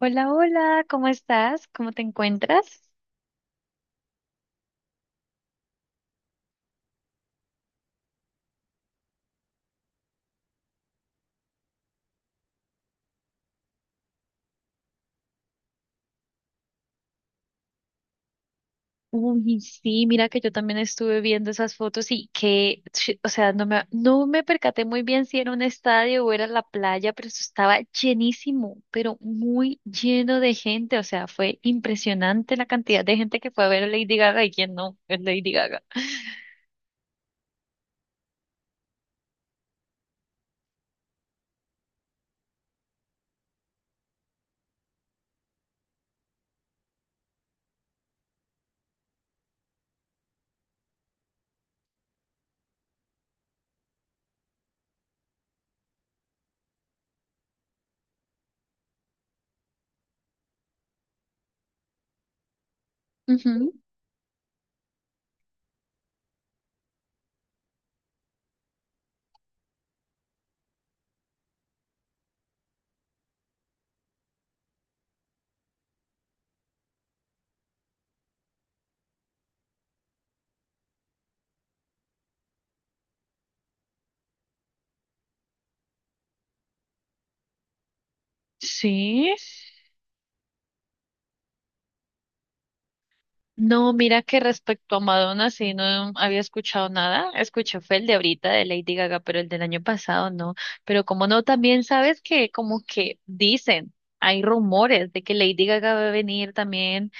Hola, hola, ¿cómo estás? ¿Cómo te encuentras? Uy, sí, mira que yo también estuve viendo esas fotos y que, o sea, no me percaté muy bien si era un estadio o era la playa, pero eso estaba llenísimo, pero muy lleno de gente, o sea, fue impresionante la cantidad de gente que fue a ver a Lady Gaga y quién no es Lady Gaga. Ujú. Sí. No, mira que respecto a Madonna sí no había escuchado nada. Escuché fue el de ahorita de Lady Gaga, pero el del año pasado no. Pero como no, también sabes que como que dicen, hay rumores de que Lady Gaga va a venir también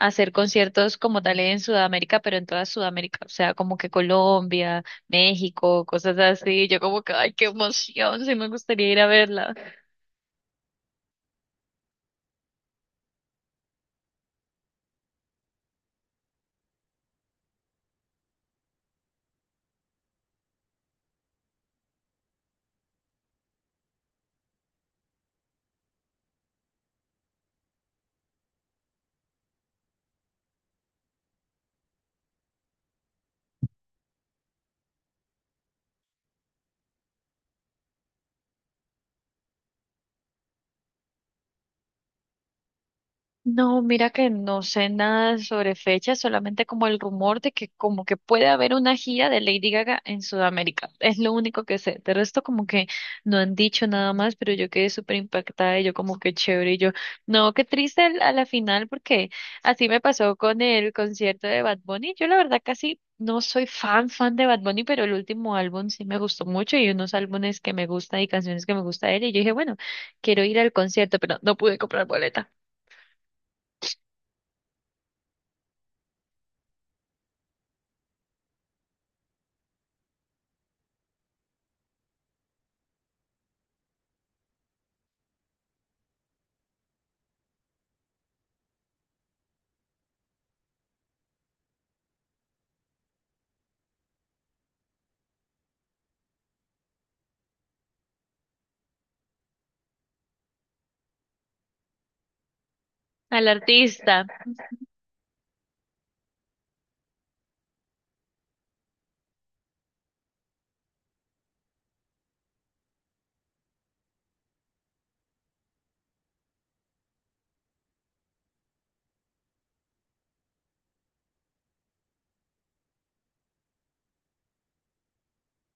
a hacer conciertos como tal en Sudamérica, pero en toda Sudamérica, o sea, como que Colombia, México, cosas así. Yo como que, ay, qué emoción, sí me gustaría ir a verla. No, mira que no sé nada sobre fechas, solamente como el rumor de que como que puede haber una gira de Lady Gaga en Sudamérica. Es lo único que sé. De resto como que no han dicho nada más, pero yo quedé súper impactada y yo como que chévere y yo, no, qué triste a la final porque así me pasó con el concierto de Bad Bunny. Yo la verdad casi no soy fan fan de Bad Bunny, pero el último álbum sí me gustó mucho y unos álbumes que me gusta y canciones que me gusta de él y yo dije, bueno, quiero ir al concierto, pero no pude comprar boleta. Al artista.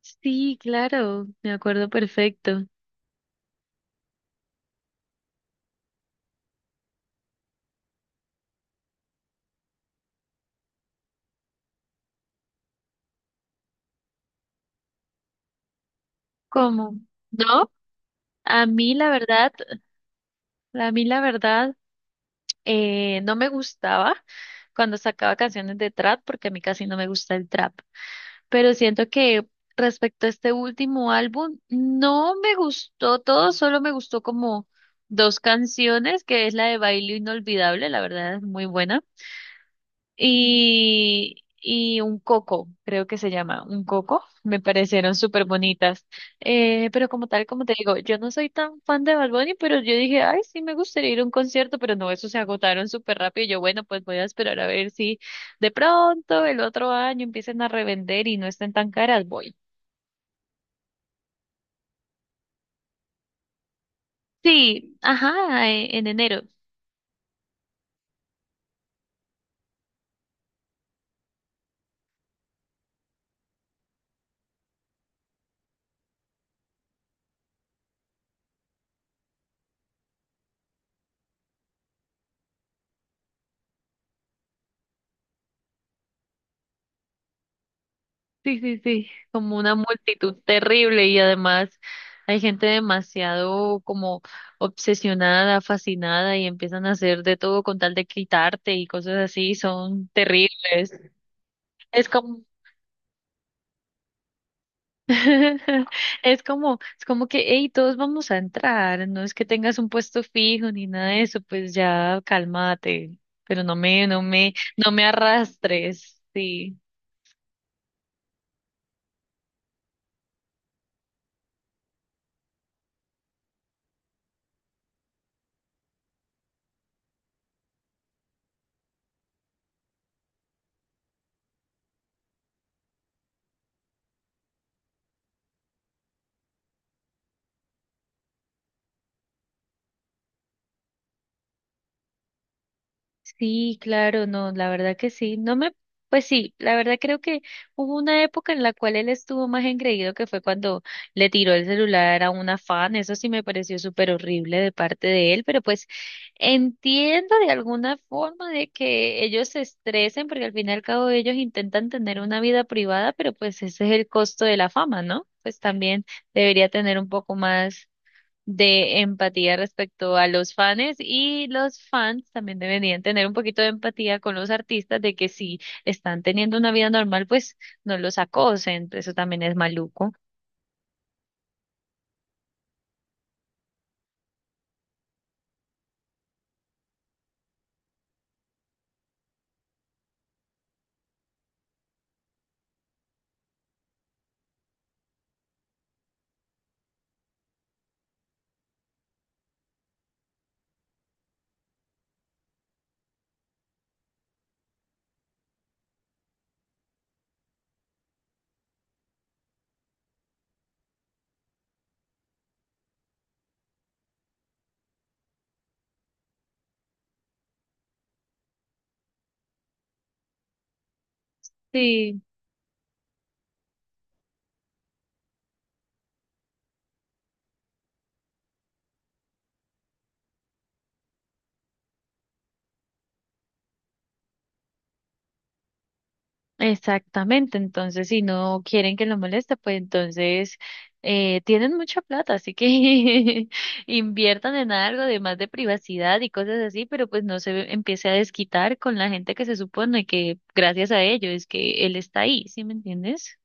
Sí, claro, me acuerdo perfecto. ¿Cómo? No, a mí la verdad, a mí la verdad, no me gustaba cuando sacaba canciones de trap porque a mí casi no me gusta el trap. Pero siento que respecto a este último álbum, no me gustó todo, solo me gustó como dos canciones, que es la de Baile Inolvidable, la verdad es muy buena. Y un coco, creo que se llama, un coco, me parecieron súper bonitas. Pero como tal, como te digo, yo no soy tan fan de Bad Bunny, pero yo dije, ay, sí, me gustaría ir a un concierto, pero no, eso se agotaron súper rápido. Y yo, bueno, pues voy a esperar a ver si de pronto el otro año empiecen a revender y no estén tan caras, voy. Sí, ajá, en enero. Sí, sí, sí, como una multitud terrible y además hay gente demasiado como obsesionada, fascinada y empiezan a hacer de todo con tal de quitarte y cosas así, son terribles. Es como, es como que, hey, todos vamos a entrar, no es que tengas un puesto fijo ni nada de eso, pues ya cálmate, pero no me arrastres, sí. Sí, claro, no, la verdad que sí. No me, pues sí, la verdad creo que hubo una época en la cual él estuvo más engreído que fue cuando le tiró el celular a una fan. Eso sí me pareció súper horrible de parte de él, pero pues entiendo de alguna forma de que ellos se estresen porque al fin y al cabo ellos intentan tener una vida privada, pero pues ese es el costo de la fama, ¿no? Pues también debería tener un poco más de empatía respecto a los fans y los fans también deberían tener un poquito de empatía con los artistas de que si están teniendo una vida normal, pues no los acosen, eso también es maluco. Sí, exactamente, entonces si no quieren que lo moleste, pues entonces tienen mucha plata, así que inviertan en algo de más de privacidad y cosas así, pero pues no se empiece a desquitar con la gente que se supone que gracias a ello es que él está ahí, ¿sí me entiendes?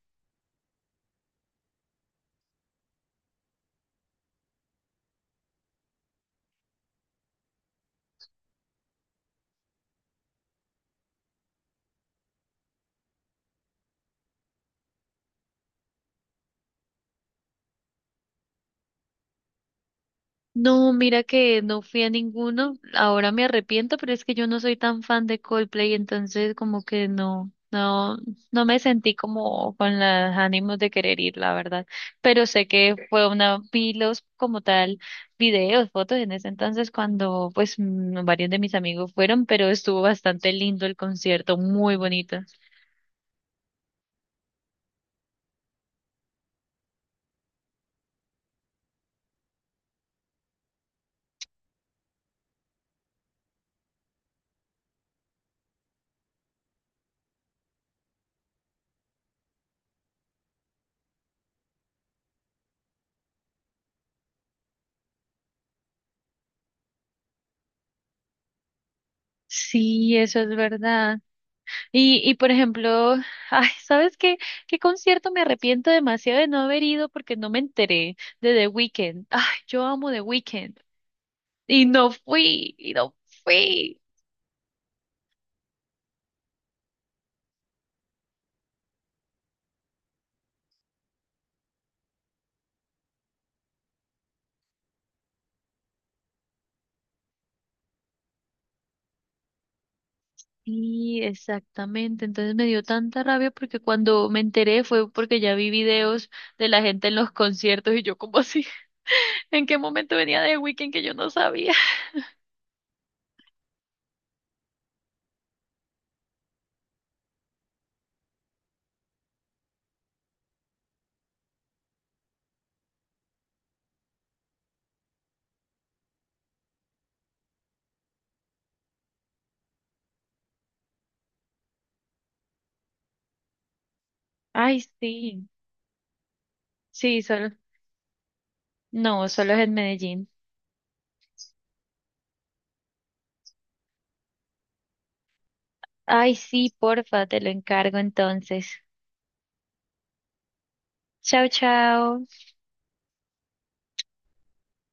No, mira que no fui a ninguno. Ahora me arrepiento, pero es que yo no soy tan fan de Coldplay, entonces como que no me sentí como con los ánimos de querer ir, la verdad. Pero sé que fue una, vi los como tal videos, fotos en ese entonces cuando pues mm, varios de mis amigos fueron, pero estuvo bastante lindo el concierto, muy bonito. Sí, eso es verdad. Y por ejemplo, ay, ¿sabes qué? ¿Qué concierto me arrepiento demasiado de no haber ido porque no me enteré de The Weeknd? Ay, yo amo The Weeknd. Y no fui, y no fui. Sí, exactamente, entonces me dio tanta rabia porque cuando me enteré fue porque ya vi videos de la gente en los conciertos y yo como así, ¿en qué momento venía The Weeknd que yo no sabía? Ay, sí, sí, solo, no, solo es en Medellín. Ay, sí, porfa, te lo encargo entonces. Chao, chao.